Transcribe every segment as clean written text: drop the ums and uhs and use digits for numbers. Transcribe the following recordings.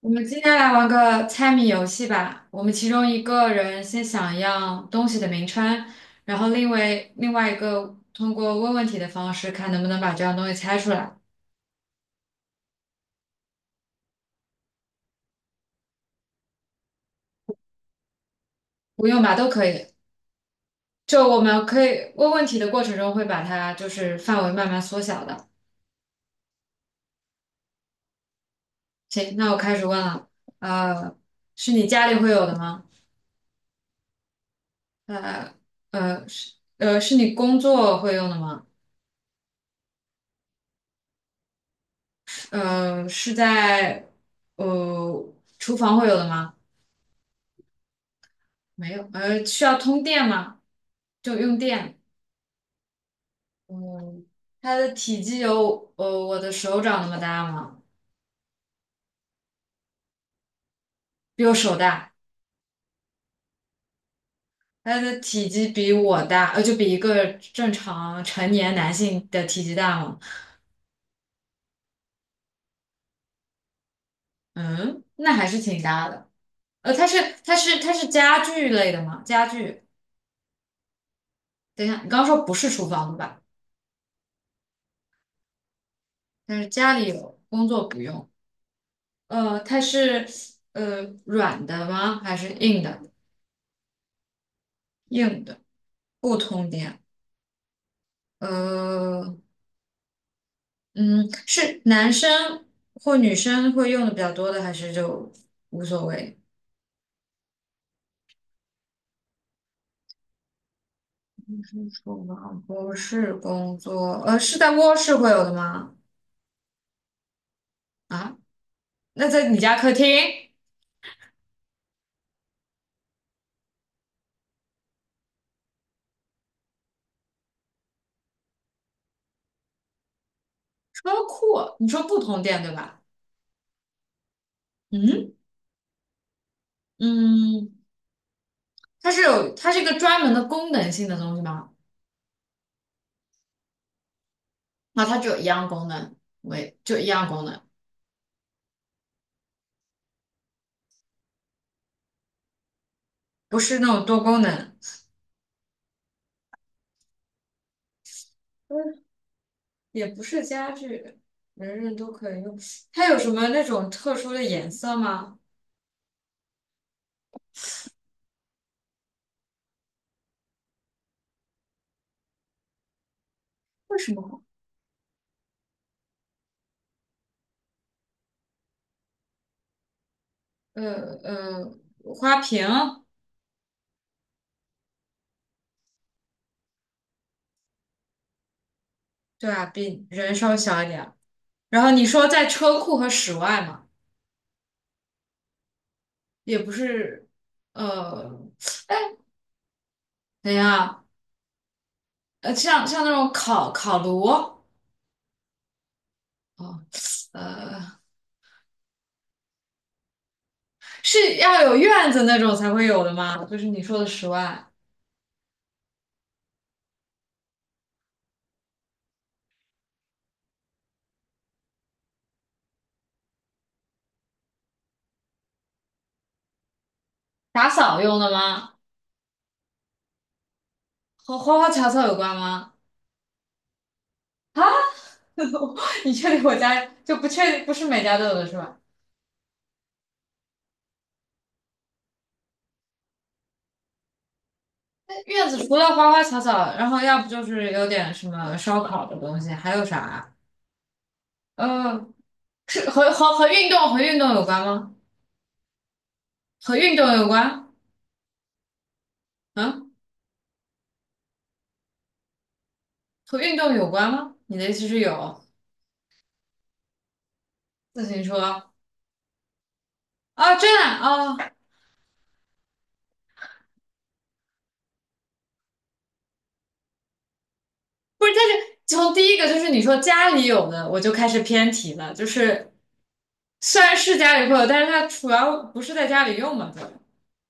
我们今天来玩个猜谜游戏吧。我们其中一个人先想一样东西的名称，然后另外一个通过问问题的方式，看能不能把这样东西猜出来。不用吧，都可以。就我们可以问问题的过程中，会把它就是范围慢慢缩小的。行，那我开始问了。呃，是你家里会有的吗？呃呃是你工作会用的吗？呃是在呃厨房会有的吗？没有，需要通电吗？就用电。嗯，它的体积有我的手掌那么大吗？比我手大。它的体积比我大，就比一个正常成年男性的体积大吗？嗯，那还是挺大的。呃，它是它是家具类的吗？家具。等一下，你刚刚说不是厨房的吧？但是家里有，工作不用。它是软的吗？还是硬的？硬的，不通电。呃，嗯，是男生或女生会用的比较多的，还是就无所谓？是厨房不是工作，是在卧室会有的吗？啊，那在你家客厅、车库，你说不通电对吧？嗯嗯，它是一个专门的功能性的东西吗？那它就有一样功能，为就一样功能，不是那种多功能。也不是家具，人人都可以用。它有什么那种特殊的颜色吗？为什么？呃呃，花瓶，对啊，比人稍微小一点。然后你说在车库和室外嘛，也不是，呃，等一下，像那种烤炉，哦，呃，是要有院子那种才会有的吗？就是你说的室外，打扫用的吗？和花花草草有关吗？啊？你确定我家就不确定不是每家都有的是吧？院子除了花花草草，然后要不就是有点什么烧烤的东西，还有啥嗯，呃是和运动有关吗？和运动有关？嗯，和运动有关吗？你的意思是有自行车啊？真的啊，从第一个就是你说家里有的，我就开始偏题了，就是虽然是家里会有，但是它主要不是在家里用嘛，对吧？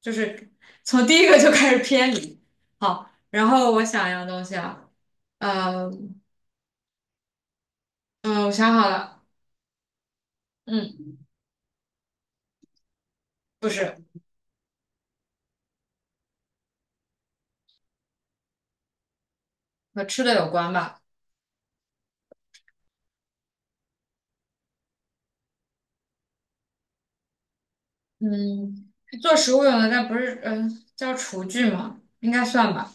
就是从第一个就开始偏离。好，然后我想一样东西啊，呃，嗯，我想好了，嗯，不是和吃的有关吧？嗯，做食物用的，但不是，嗯、叫厨具嘛，应该算吧？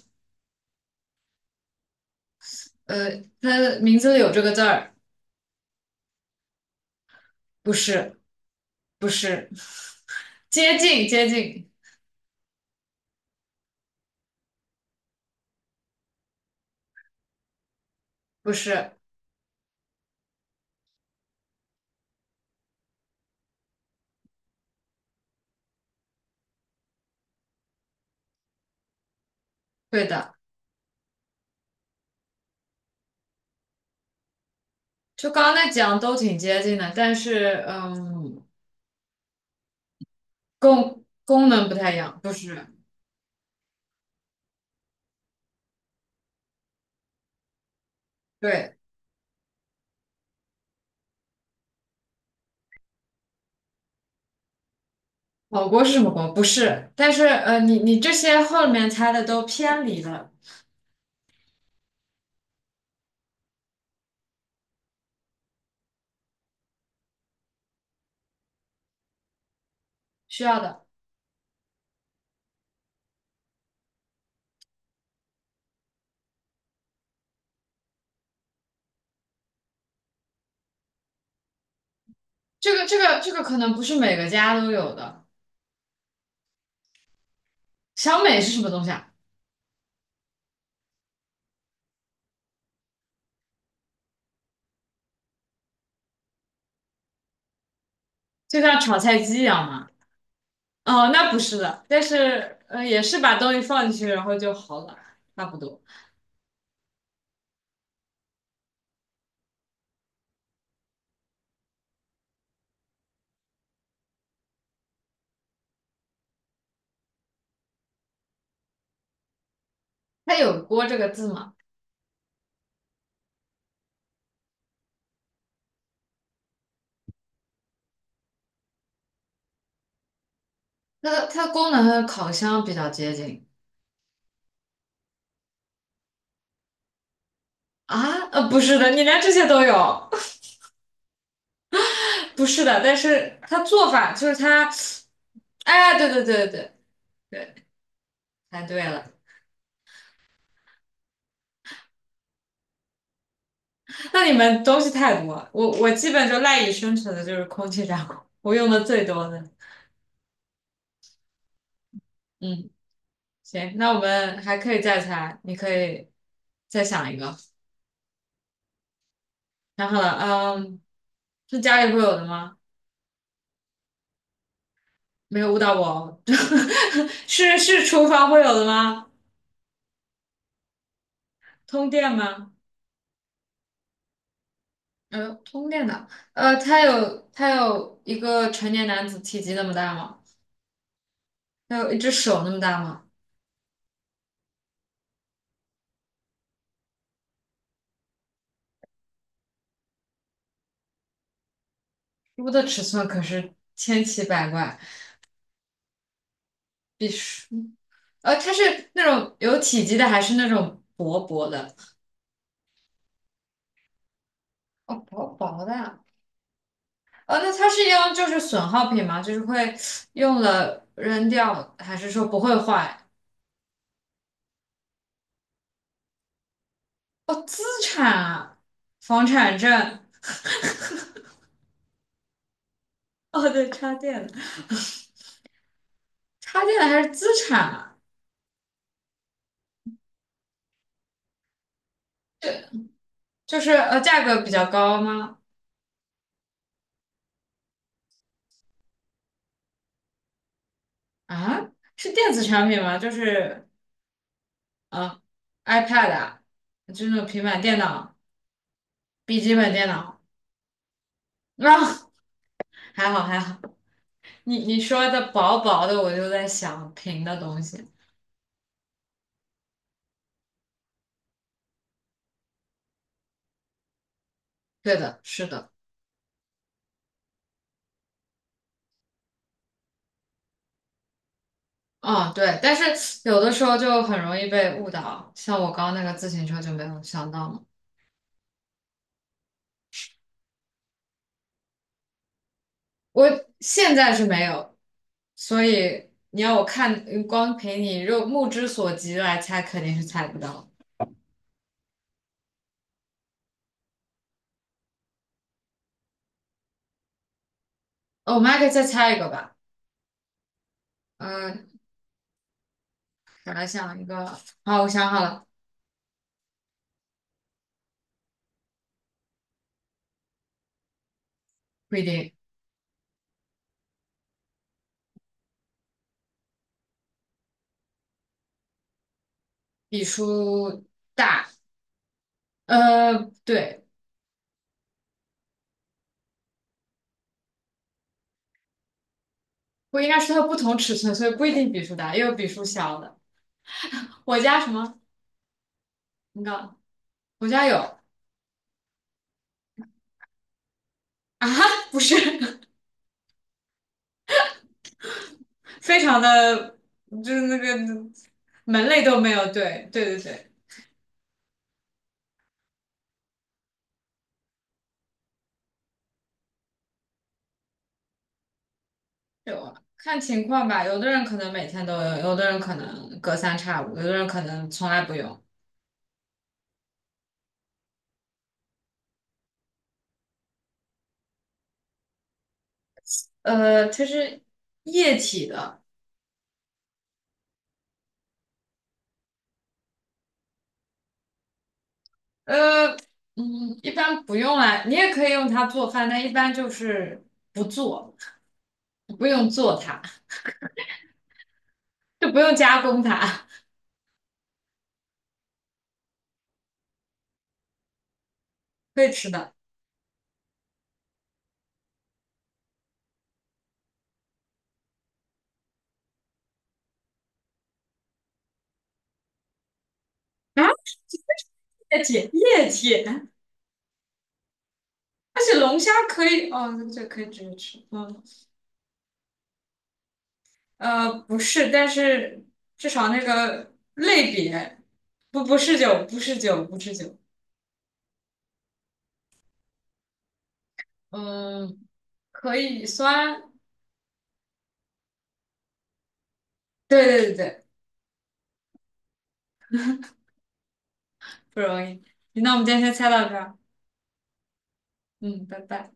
它的名字里有这个字儿，不是，不是，接近，接近，不是，对的，就刚刚那几样都挺接近的，但是，功能不太一样，不是，对。火锅是什么锅？不是，但是你这些后面猜的都偏离了，需要的。这个可能不是每个家都有的。小美是什么东西啊？就像炒菜机一样吗？哦，那不是的，但是也是把东西放进去，然后就好了，差不多。它有"锅"这个字吗？它的功能和烤箱比较接近啊？不是的，你连这些都有，不是的，但是它做法就是它，哎，对对对对对，猜对了。那你们东西太多了，我基本就赖以生存的就是空气炸锅，我用的最多的。嗯，行，那我们还可以再猜，你可以再想一个。想好了，嗯，是家里会有的吗？没有误导我哦 是厨房会有的吗？通电吗？通电的，它有一个成年男子体积那么大吗？它有一只手那么大吗？猪的尺寸可是千奇百怪，比鼠。它是那种有体积的，还是那种薄薄的？哦，薄薄的啊。哦，那它是用就是损耗品吗？就是会用了扔掉，还是说不会坏？哦，资产啊，房产证。哦，对，插电的，插电的还是资产啊？对，就是价格比较高吗？啊，是电子产品吗？就是啊，iPad 啊，就是那种平板电脑、笔记本电脑。啊，还好还好。你说的薄薄的，我就在想平的东西。对的，是的，嗯，对。但是有的时候就很容易被误导，像我刚刚那个自行车就没有想到嘛。我现在是没有，所以你要我看，光凭你肉目之所及来猜，肯定是猜不到。哦，我们还可以再猜一个吧。嗯、我来想一个。好，我想好了，不一定，比书大。对。不应该是它不同尺寸，所以不一定笔数大，也有笔数小的。我家什么？你看，我家有啊，不是，非常的，就是那个门类都没有。对，对对对，有啊，看情况吧。有的人可能每天都用，有的人可能隔三差五，有的人可能从来不用。它是液体的，呃，嗯，一般不用啊。你也可以用它做饭，但一般就是不做，不用做它，就不用加工它。可以吃的啊，液体液体，而且龙虾可以哦，这可以直接吃。嗯，不是，但是至少那个类别，不是酒，不是酒，不是酒。嗯，可以酸。对对对对，不容易。那我们今天先猜到这儿。嗯，拜拜。